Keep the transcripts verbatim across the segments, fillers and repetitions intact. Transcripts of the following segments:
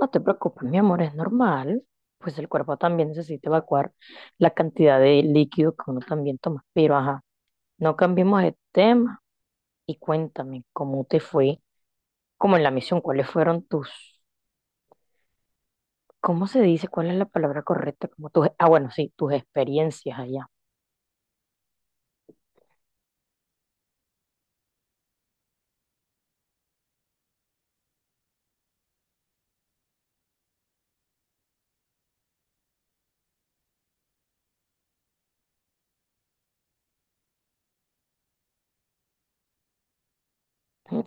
No te preocupes, mi amor, es normal. Pues el cuerpo también necesita evacuar la cantidad de líquido que uno también toma. Pero ajá, no cambiemos de tema y cuéntame cómo te fue, como en la misión, cuáles fueron tus, ¿cómo se dice? ¿Cuál es la palabra correcta? Como tus, ah, bueno, sí, tus experiencias allá. ¿M?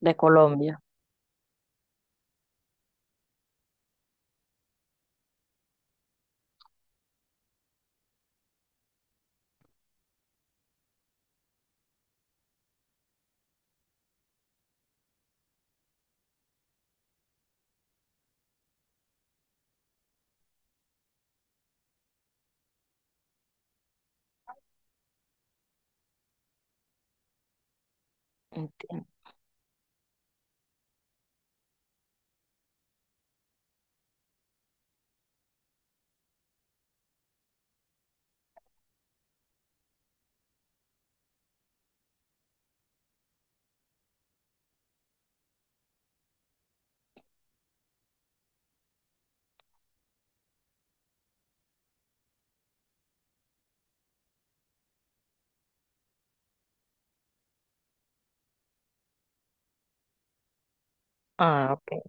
De Colombia. Entiendo. Ah, ok.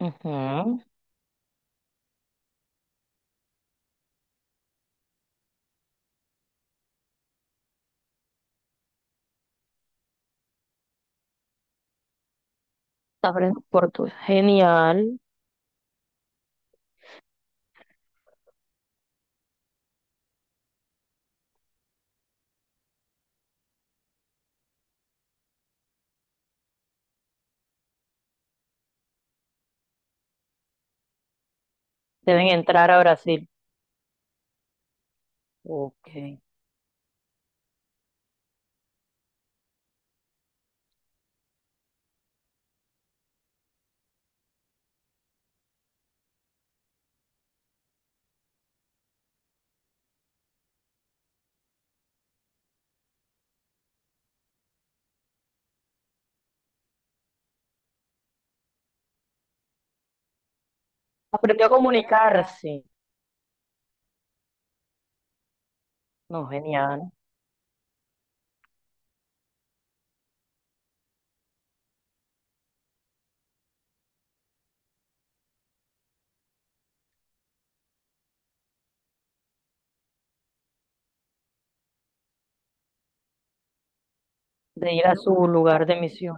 Ujú. Aprendo portugués. Genial. Deben entrar a Brasil. Ok. Aprendió a comunicarse. No, genial, de ir a su lugar de misión.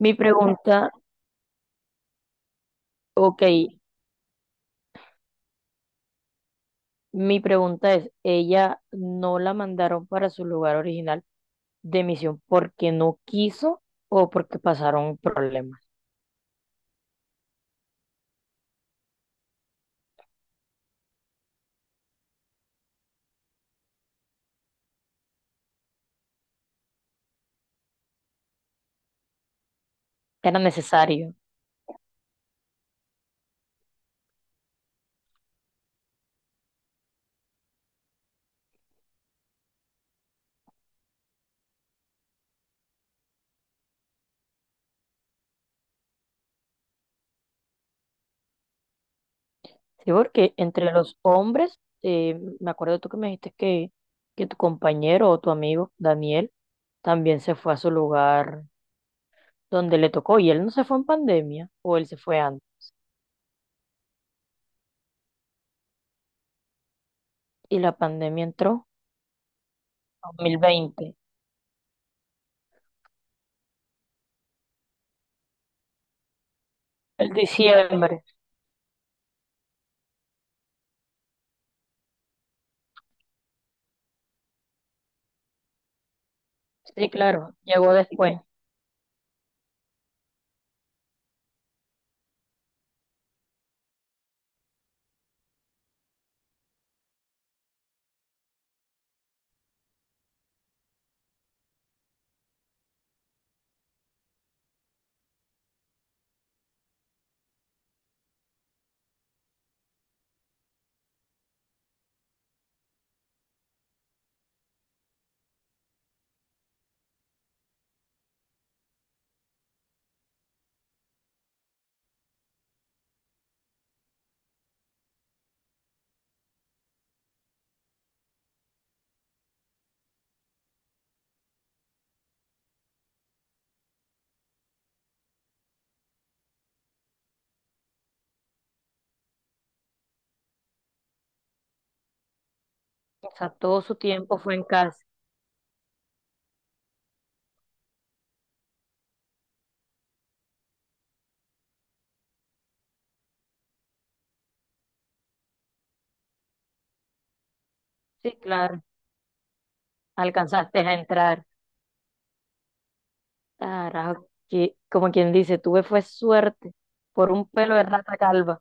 Mi pregunta, ok, mi pregunta es, ¿ella no la mandaron para su lugar original de misión porque no quiso o porque pasaron problemas? Era necesario, ¿sí? Porque entre los hombres, eh, me acuerdo tú que me dijiste que, que tu compañero o tu amigo, Daniel, también se fue a su lugar donde le tocó y él no se fue en pandemia o él se fue antes y la pandemia entró en dos mil veinte. El diciembre, sí, claro, llegó después. O sea, todo su tiempo fue en casa. Sí, claro, alcanzaste a entrar. Carajo, que, como quien dice, tuve fue suerte por un pelo de rata calva.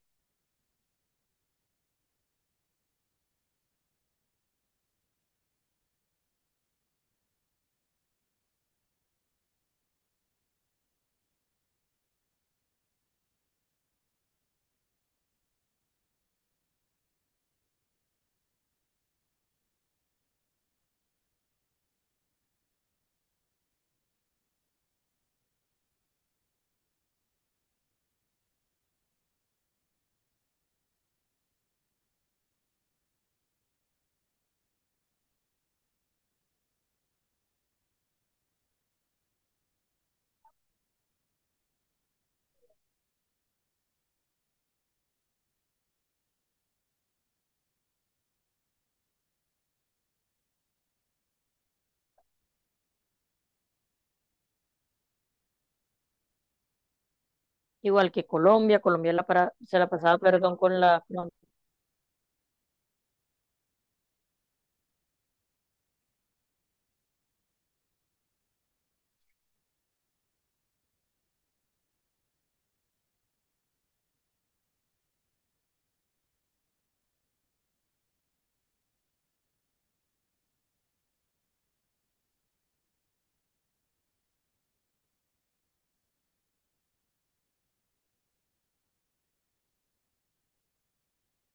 Igual que Colombia, Colombia la para- se la pasaba, perdón, con la... No,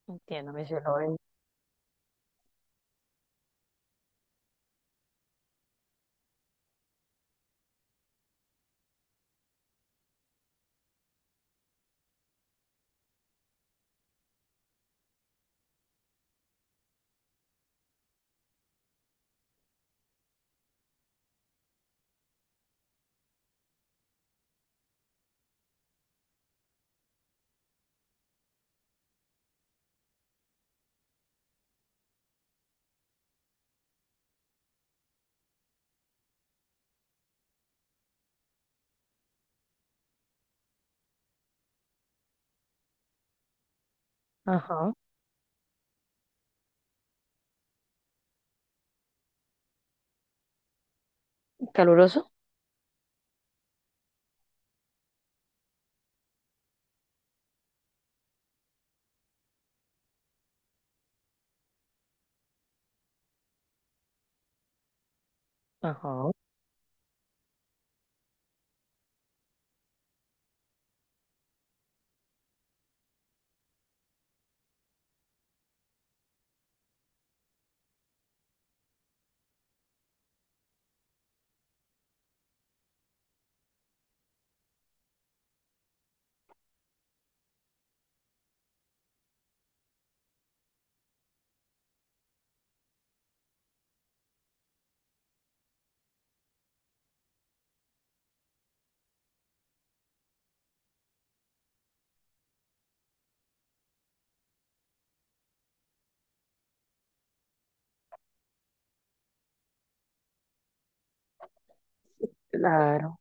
entiendo, me dice, no, ven. Ajá, caluroso. Ajá, claro.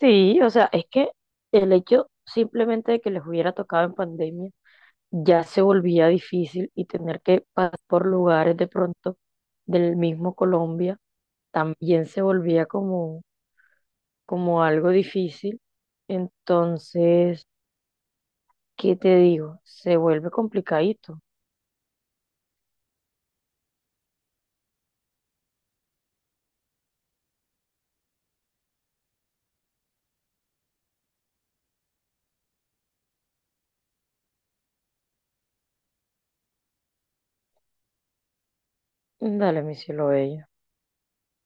Sí, o sea, es que el hecho simplemente de que les hubiera tocado en pandemia ya se volvía difícil y tener que pasar por lugares de pronto del mismo Colombia también se volvía como, como algo difícil. Entonces, ¿qué te digo? Se vuelve complicadito. Dale, mi cielo bello.